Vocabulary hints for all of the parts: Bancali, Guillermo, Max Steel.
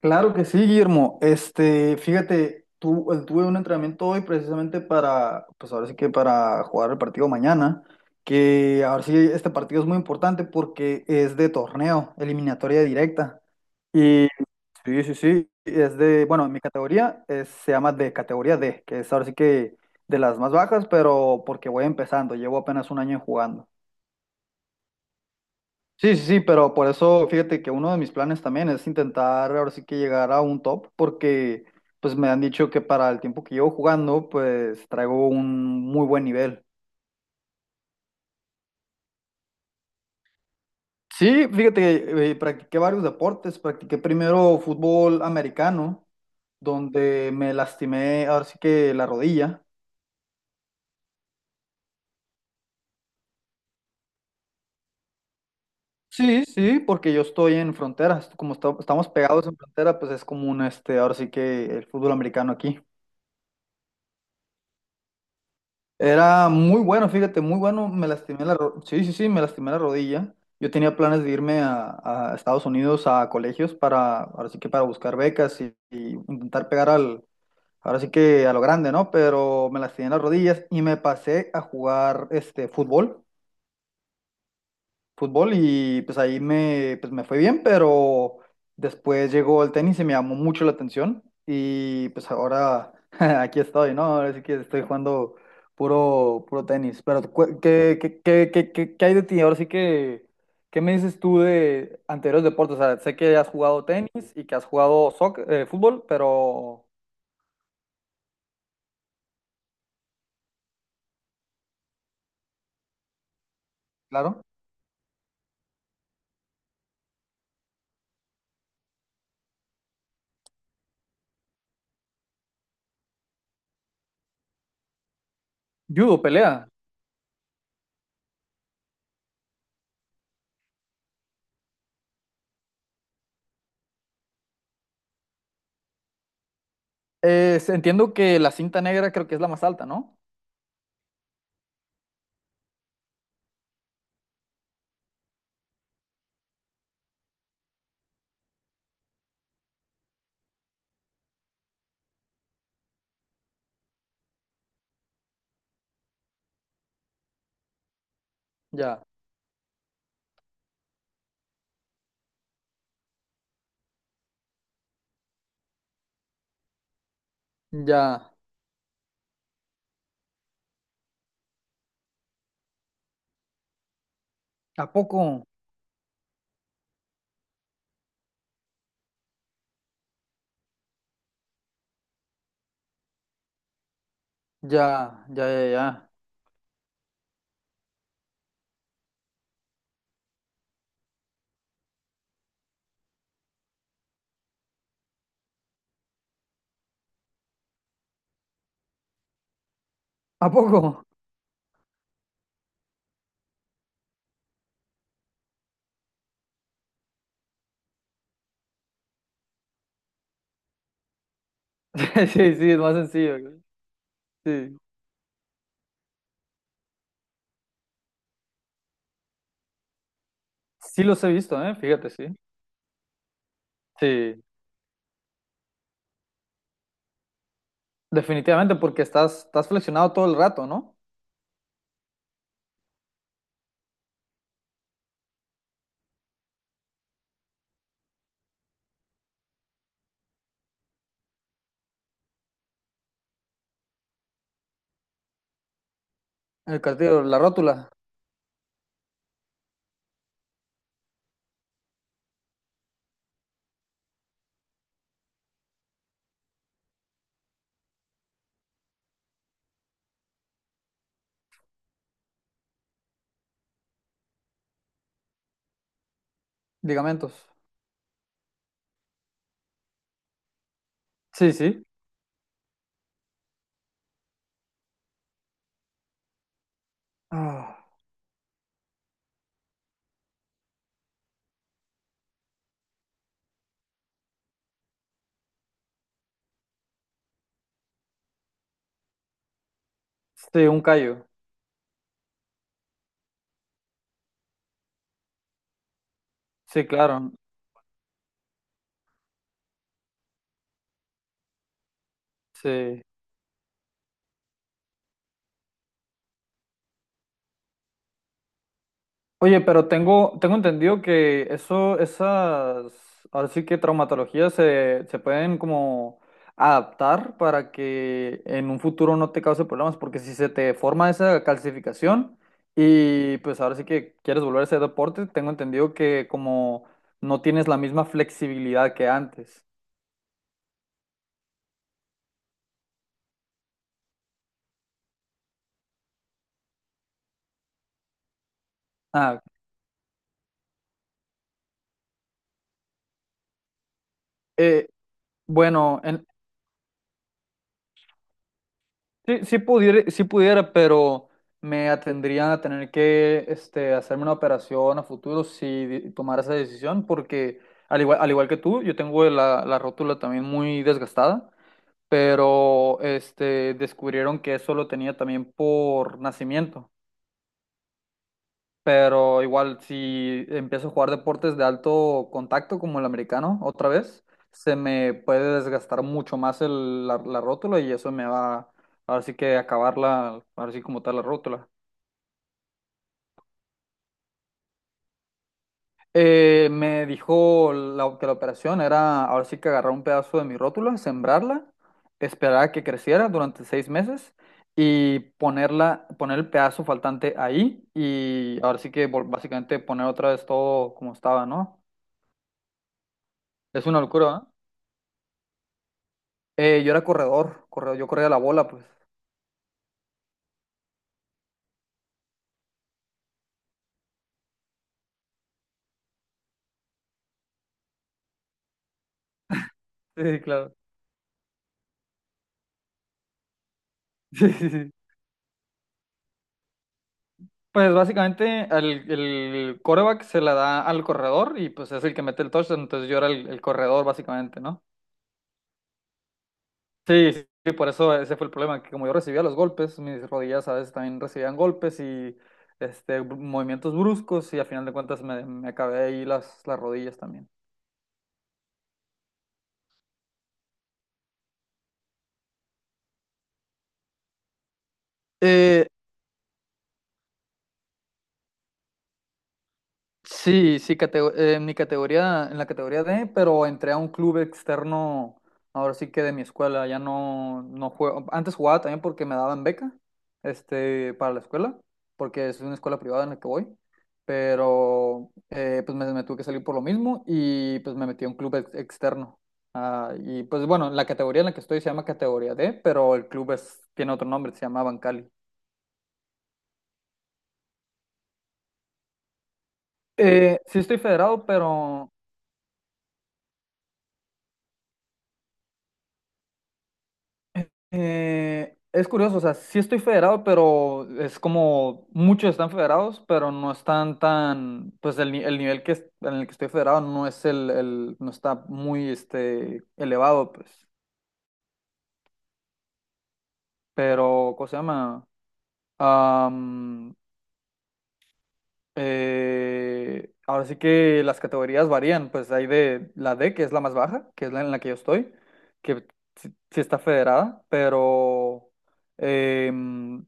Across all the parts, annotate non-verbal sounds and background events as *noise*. Claro que sí, Guillermo. Fíjate, tuve un entrenamiento hoy precisamente para, pues ahora sí que para jugar el partido mañana, que ahora sí este partido es muy importante porque es de torneo, eliminatoria directa. Y sí, es de, bueno, mi categoría se llama de categoría D, que es ahora sí que de las más bajas, pero porque voy empezando, llevo apenas un año jugando. Sí, pero por eso fíjate que uno de mis planes también es intentar ahora sí que llegar a un top, porque pues me han dicho que para el tiempo que llevo jugando, pues traigo un muy buen nivel. Sí, fíjate que practiqué varios deportes, practiqué primero fútbol americano, donde me lastimé ahora sí que la rodilla. Sí, sí, porque yo estoy en fronteras, como estamos pegados en frontera, pues es común este, ahora sí que el fútbol americano aquí. Era muy bueno, fíjate, muy bueno. Me lastimé la ro-, me lastimé la rodilla. Yo tenía planes de irme a Estados Unidos a colegios para, ahora sí que para buscar becas y intentar pegar al, ahora sí que a lo grande, ¿no? Pero me lastimé las rodillas y me pasé a jugar este fútbol y pues ahí me, pues me fue bien, pero después llegó el tenis y me llamó mucho la atención y pues ahora *laughs* aquí estoy, ¿no? Ahora sí que estoy jugando puro, puro tenis, pero ¿qué hay de ti? Ahora sí que, ¿qué me dices tú de anteriores deportes? O sea, sé que has jugado tenis y que has jugado fútbol, pero claro, judo, pelea. Entiendo que la cinta negra creo que es la más alta, ¿no? Ya, ya. ¿A poco? Ya. ¿A poco? *laughs* Sí, sí, es más sencillo. Sí. Sí los he visto, ¿eh? Fíjate, sí. Sí. Definitivamente porque estás, estás flexionado todo el rato, ¿no? El cartílago, la rótula, ligamentos. Sí, sí. Ah, sí, un callo. Sí, claro. Sí. Oye, pero tengo, tengo entendido que eso, esas, ahora sí que traumatologías se, se pueden como adaptar para que en un futuro no te cause problemas, porque si se te forma esa calcificación y pues ahora sí que quieres volver a ese deporte, tengo entendido que como no tienes la misma flexibilidad que antes. Ah, eh, bueno, en, Sí, sí pudiera, pero me atendrían a tener que este, hacerme una operación a futuro si tomara esa decisión, porque al igual que tú, yo tengo la, la rótula también muy desgastada, pero este, descubrieron que eso lo tenía también por nacimiento, pero igual si empiezo a jugar deportes de alto contacto como el americano otra vez, se me puede desgastar mucho más la, la rótula y eso me va, ahora sí que acabarla, ahora sí como tal la rótula. Me dijo que la operación era ahora sí que agarrar un pedazo de mi rótula, sembrarla, esperar a que creciera durante 6 meses y ponerla, poner el pedazo faltante ahí y ahora sí que básicamente poner otra vez todo como estaba, ¿no? Es una locura, ¿eh? Yo era corredor, corredor, yo corría la bola, pues. Sí, claro. *laughs* Sí. Pues básicamente el quarterback se la da al corredor y pues es el que mete el touchdown, entonces yo era el corredor básicamente, ¿no? Sí, por eso ese fue el problema, que como yo recibía los golpes, mis rodillas a veces también recibían golpes y este, movimientos bruscos y a final de cuentas me, me acabé ahí las rodillas también. Eh, en mi categoría, en la categoría D, pero entré a un club externo, ahora sí que de mi escuela, ya no, no juego, antes jugaba también porque me daban beca, este, para la escuela, porque es una escuela privada en la que voy, pero pues me tuve que salir por lo mismo y pues me metí a un club externo. Ah, y pues bueno, la categoría en la que estoy se llama categoría D, pero el club es, tiene otro nombre, se llama Bancali. Sí estoy federado, pero es curioso, o sea, sí estoy federado, pero es como muchos están federados, pero no están tan, pues el, el nivel que en el que estoy federado no es el, no está muy este elevado, pues. Pero, ¿cómo se llama? Ahora sí que las categorías varían, pues hay de la D, que es la más baja, que es la en la que yo estoy, que sí está federada, pero em,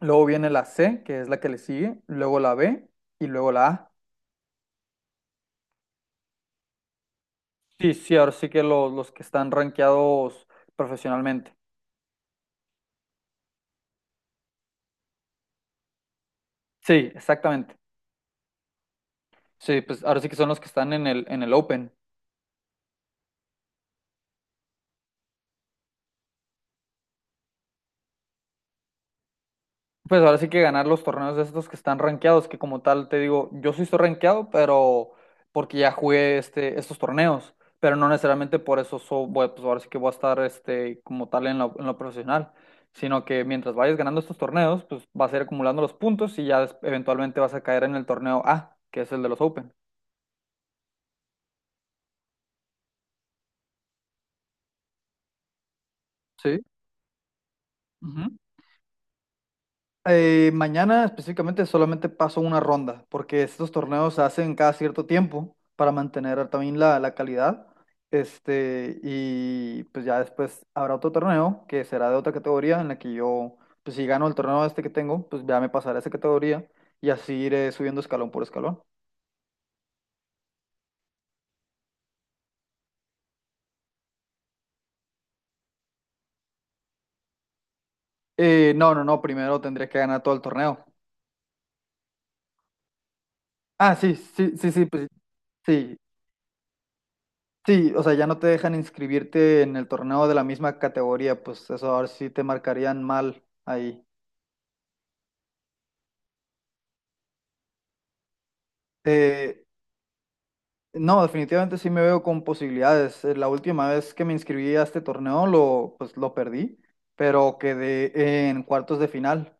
luego viene la C, que es la que le sigue, luego la B y luego la A. Sí, ahora sí que los que están rankeados profesionalmente. Sí, exactamente. Sí, pues ahora sí que son los que están en el Open. Pues ahora sí que ganar los torneos de estos que están rankeados, que como tal te digo, yo sí estoy rankeado, pero porque ya jugué este, estos torneos, pero no necesariamente por eso pues ahora sí que voy a estar este, como tal en lo profesional, sino que mientras vayas ganando estos torneos, pues vas a ir acumulando los puntos y ya eventualmente vas a caer en el torneo A, que es el de los Open. Sí. Mañana específicamente solamente paso una ronda, porque estos torneos se hacen cada cierto tiempo para mantener también la calidad. Este, y pues ya después habrá otro torneo que será de otra categoría en la que yo, pues si gano el torneo este que tengo, pues ya me pasaré a esa categoría y así iré subiendo escalón por escalón. No, primero tendré que ganar todo el torneo. Ah, sí, sí, sí, sí, pues sí, Sí, o sea, ya no te dejan inscribirte en el torneo de la misma categoría, pues eso ahora sí te marcarían mal ahí. Eh, no, definitivamente sí me veo con posibilidades. La última vez que me inscribí a este torneo lo, pues lo perdí, pero quedé en cuartos de final.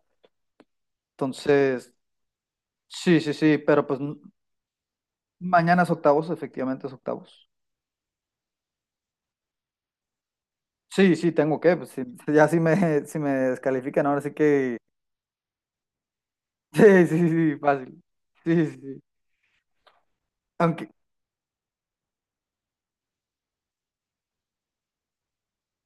Entonces, sí, pero pues mañana es octavos, efectivamente es octavos. Sí, tengo que, pues sí, ya si me, *laughs* si me descalifican, ahora sí que... *laughs* Sí, fácil. Sí. Aunque,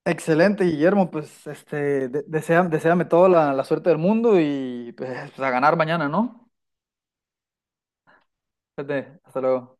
excelente, Guillermo. Pues este, deséame toda la, la suerte del mundo y pues, a ganar mañana, ¿no? Fíjate, hasta luego.